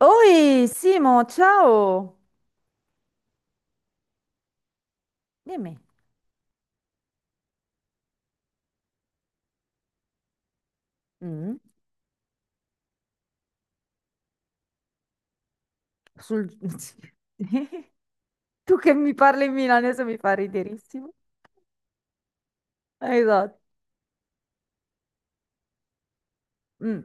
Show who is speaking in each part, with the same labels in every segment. Speaker 1: Oi, Simo, ciao! Dimmi. Mm, sul- Tu che mi parli in milanese mi fa riderissimo. Esatto. Mm.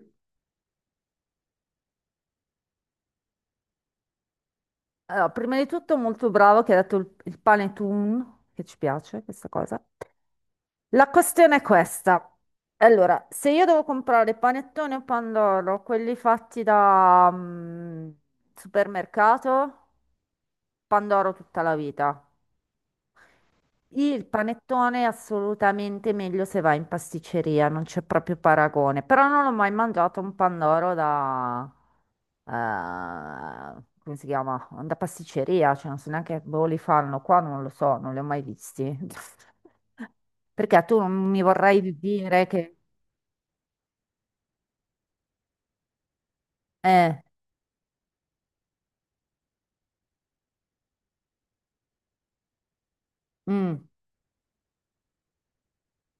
Speaker 1: Allora, prima di tutto molto bravo che hai detto il panettone, che ci piace questa cosa. La questione è questa. Allora, se io devo comprare panettone o pandoro, quelli fatti da supermercato, pandoro tutta la vita. Il panettone è assolutamente meglio se va in pasticceria, non c'è proprio paragone. Però non ho mai mangiato un pandoro da, come si chiama? Da pasticceria, cioè non so neanche dove li fanno qua, non lo so, non li ho mai visti. Perché tu non mi vorrai dire che... Eh, mm,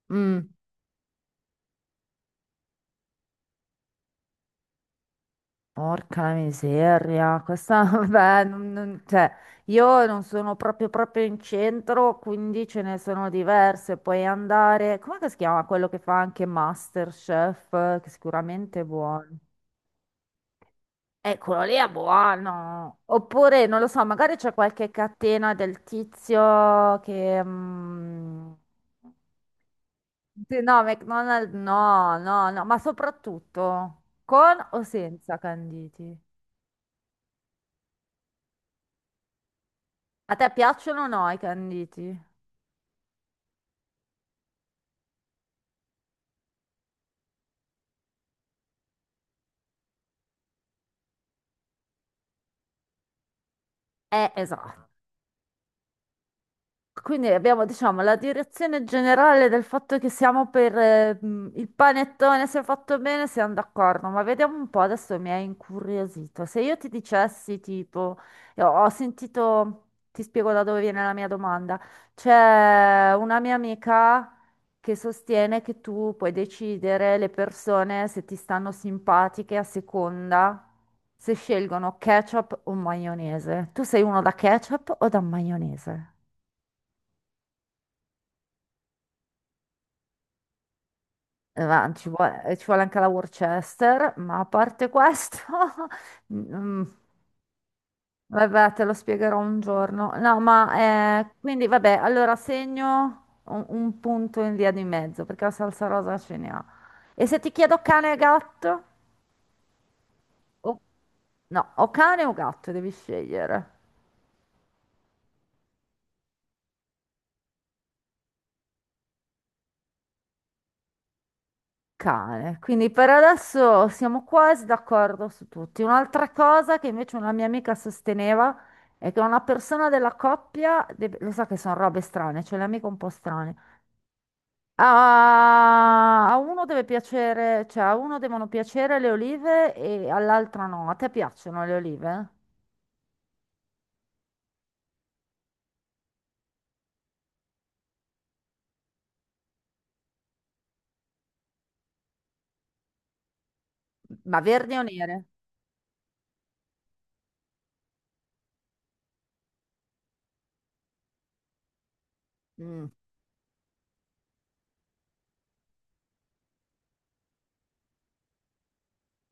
Speaker 1: mm. Porca miseria, questa, vabbè, cioè, io non sono proprio proprio in centro, quindi ce ne sono diverse. Puoi andare, com'è che si chiama quello che fa anche MasterChef, che sicuramente è buono. Eccolo lì è buono. Oppure, non lo so, magari c'è qualche catena del tizio che... sì, no, McDonald's, no, no, no, ma soprattutto con o senza canditi? A te piacciono o no i canditi? Esatto. Quindi abbiamo, diciamo, la direzione generale del fatto che siamo per il panettone, se fatto bene siamo d'accordo, ma vediamo un po', adesso mi hai incuriosito. Se io ti dicessi, tipo, io ho sentito, ti spiego da dove viene la mia domanda, c'è una mia amica che sostiene che tu puoi decidere le persone se ti stanno simpatiche a seconda se scelgono ketchup o maionese. Tu sei uno da ketchup o da maionese? Ma ci vuole anche la Worcester, ma a parte questo, mm, vabbè, te lo spiegherò un giorno. No, ma quindi vabbè, allora segno un punto in via di mezzo perché la salsa rosa ce ne ha. E se ti chiedo cane e gatto? O- no, o cane o gatto devi scegliere. Cane. Quindi per adesso siamo quasi d'accordo su tutti. Un'altra cosa che invece una mia amica sosteneva è che una persona della coppia, lo so che sono robe strane, cioè le amiche un po' strane. A uno deve piacere, cioè a uno devono piacere le olive e all'altra no. A te piacciono le olive? Ma verdi o nere? Mm.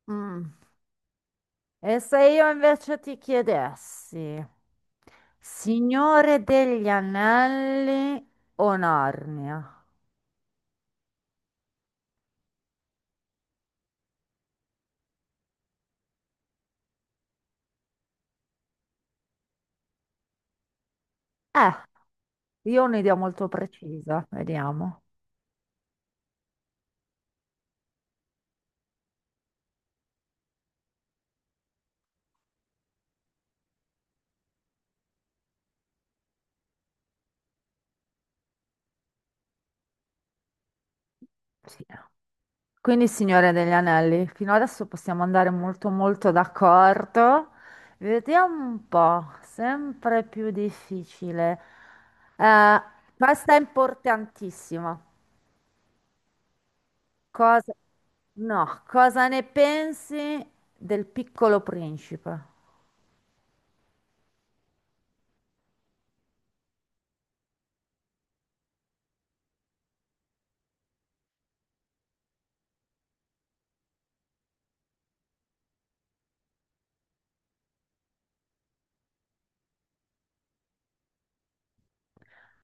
Speaker 1: Mm. E se io invece ti chiedessi, Signore degli Anelli o Narnia? Eh, io ho un'idea molto precisa, vediamo. Sì. Quindi, Signore degli Anelli, fino adesso possiamo andare molto molto d'accordo. Vediamo un po', sempre più difficile. Eh, questa è importantissima. Cosa... No, cosa ne pensi del Piccolo Principe?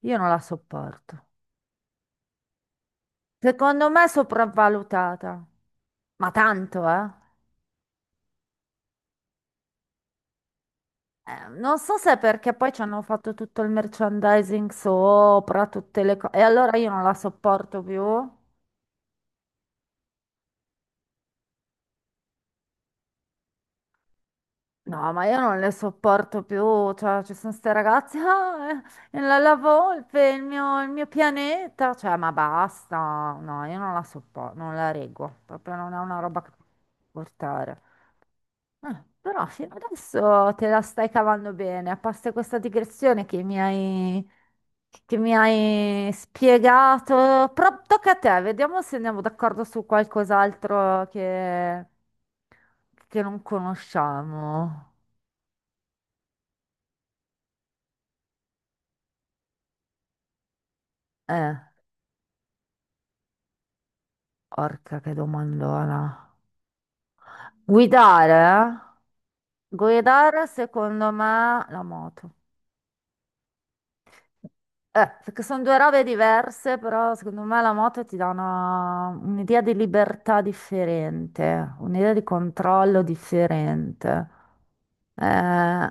Speaker 1: Io non la sopporto. Secondo me è sopravvalutata, ma tanto, eh? Non so se è perché poi ci hanno fatto tutto il merchandising sopra, tutte le cose. E allora io non la sopporto più. No, ma io non le sopporto più. Cioè, ci sono ste ragazze, ah, la volpe, il mio pianeta. Cioè, ma basta. No, io non la sopporto, non la reggo. Proprio non è una roba che puoi portare. Ah, però fino adesso te la stai cavando bene, a parte questa digressione che mi hai spiegato. Però tocca a te, vediamo se andiamo d'accordo su qualcos'altro che non conosciamo. Eh, orca che domandona. Guidare? Eh? Guidare secondo me la moto. Perché sono due robe diverse, però secondo me la moto ti dà un'idea di libertà differente, un'idea di controllo differente. Eh,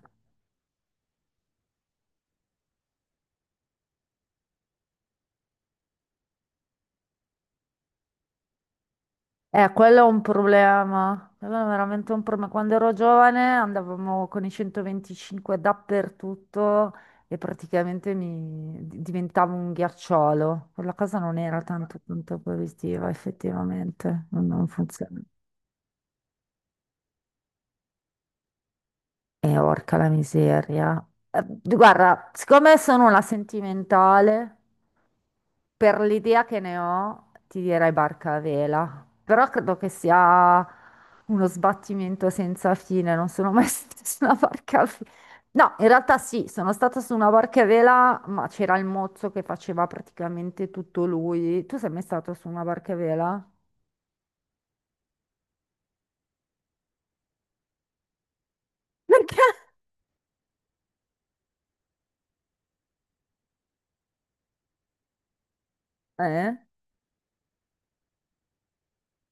Speaker 1: quello è un problema, quello è veramente un problema. Quando ero giovane andavamo con i 125 dappertutto e praticamente mi diventavo un ghiacciolo. Quella cosa non era tanto tanto positiva, effettivamente, non funzionava. Orca la miseria. Guarda, siccome sono una sentimentale, per l'idea che ne ho, ti direi barca a vela. Però credo che sia uno sbattimento senza fine. Non sono mai stata su una barca a vela. No, in realtà sì, sono stata su una barca a vela, ma c'era il mozzo che faceva praticamente tutto lui. Tu sei mai stato su una barca a vela? Perché? Eh?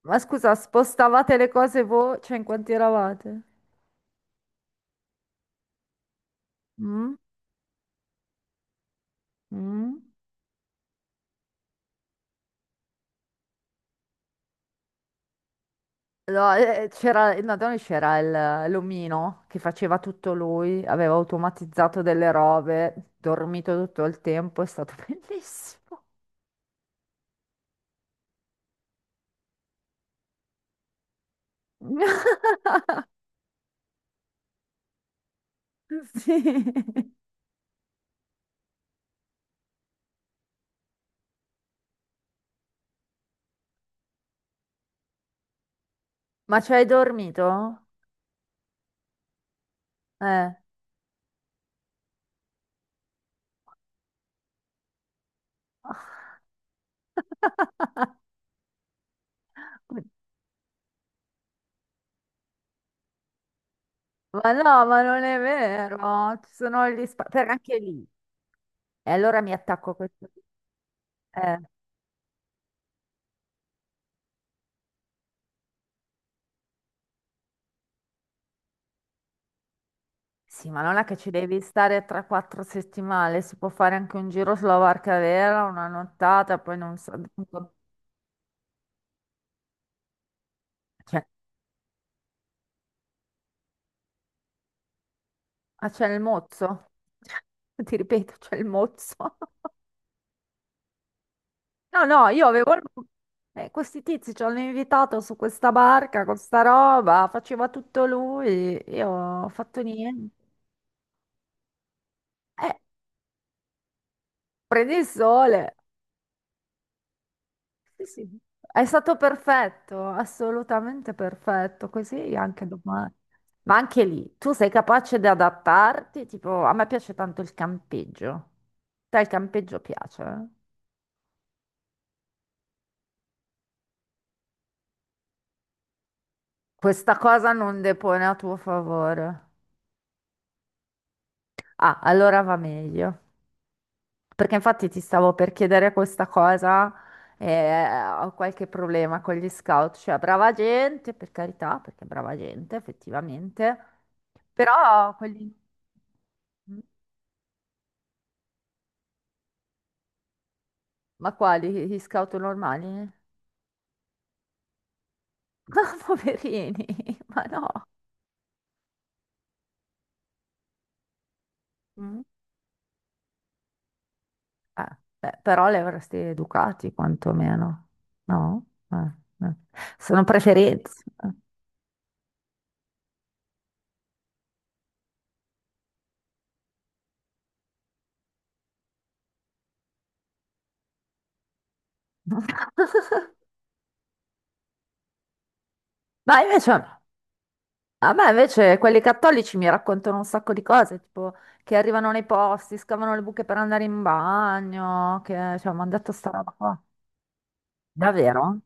Speaker 1: Ma scusa, spostavate le cose voi? Cioè, in quanti eravate? Mm? Mm? No, c'era, no, da noi c'era l'omino che faceva tutto lui, aveva automatizzato delle robe, dormito tutto il tempo, è stato bellissimo. Sì. Ma ci hai dormito? Eh. Ma no, ma non è vero, ci sono gli spazi, anche lì. E allora mi attacco a questo. Eh. Sì, ma non è che ci devi stare 3-4 settimane, si può fare anche un giro sulla barca vera, una nottata, poi non so. Cioè, ah, c'è il mozzo? Ti ripeto, c'è il mozzo. No, no, questi tizi ci hanno invitato su questa barca con sta roba, faceva tutto lui, io ho fatto niente. Eh, prendi il sole. Sì, sì. È stato perfetto, assolutamente perfetto, così anche domani. Ma anche lì, tu sei capace di adattarti? Tipo, a me piace tanto il campeggio. Te il campeggio piace? Eh? Questa cosa non depone a tuo favore. Ah, allora va meglio. Perché infatti ti stavo per chiedere questa cosa, ho qualche problema con gli scout, cioè brava gente, per carità, perché brava gente effettivamente, però quelli... Mm? Ma quali? Gli scout normali? Poverini, ma no. Mm. Beh, però li avresti educati quantomeno, no? Sono preferenze. Ma invece... no. A me invece quelli cattolici mi raccontano un sacco di cose, tipo che arrivano nei posti, scavano le buche per andare in bagno, che cioè, mi hanno detto sta roba qua. Davvero?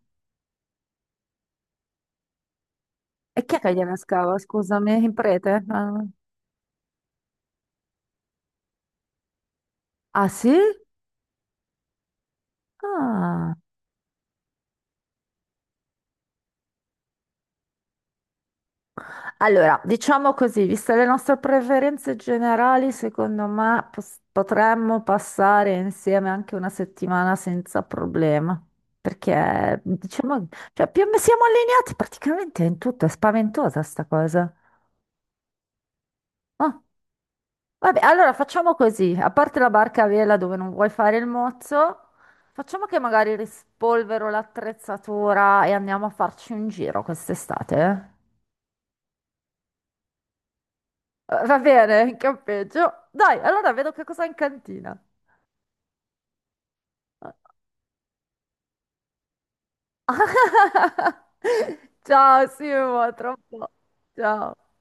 Speaker 1: E chi è che gliela scava? Scusami, il prete? Ah, ah, sì? Ah. Allora, diciamo così, viste le nostre preferenze generali, secondo me potremmo passare insieme anche una settimana senza problema, perché diciamo, cioè, più siamo allineati praticamente in tutto, è spaventosa sta cosa. Oh, vabbè, allora facciamo così, a parte la barca a vela dove non vuoi fare il mozzo, facciamo che magari rispolvero l'attrezzatura e andiamo a farci un giro quest'estate, eh? Va bene, campeggio. Dai, allora vedo che cosa hai in cantina. Ciao Simo, a tra un po'. Ciao.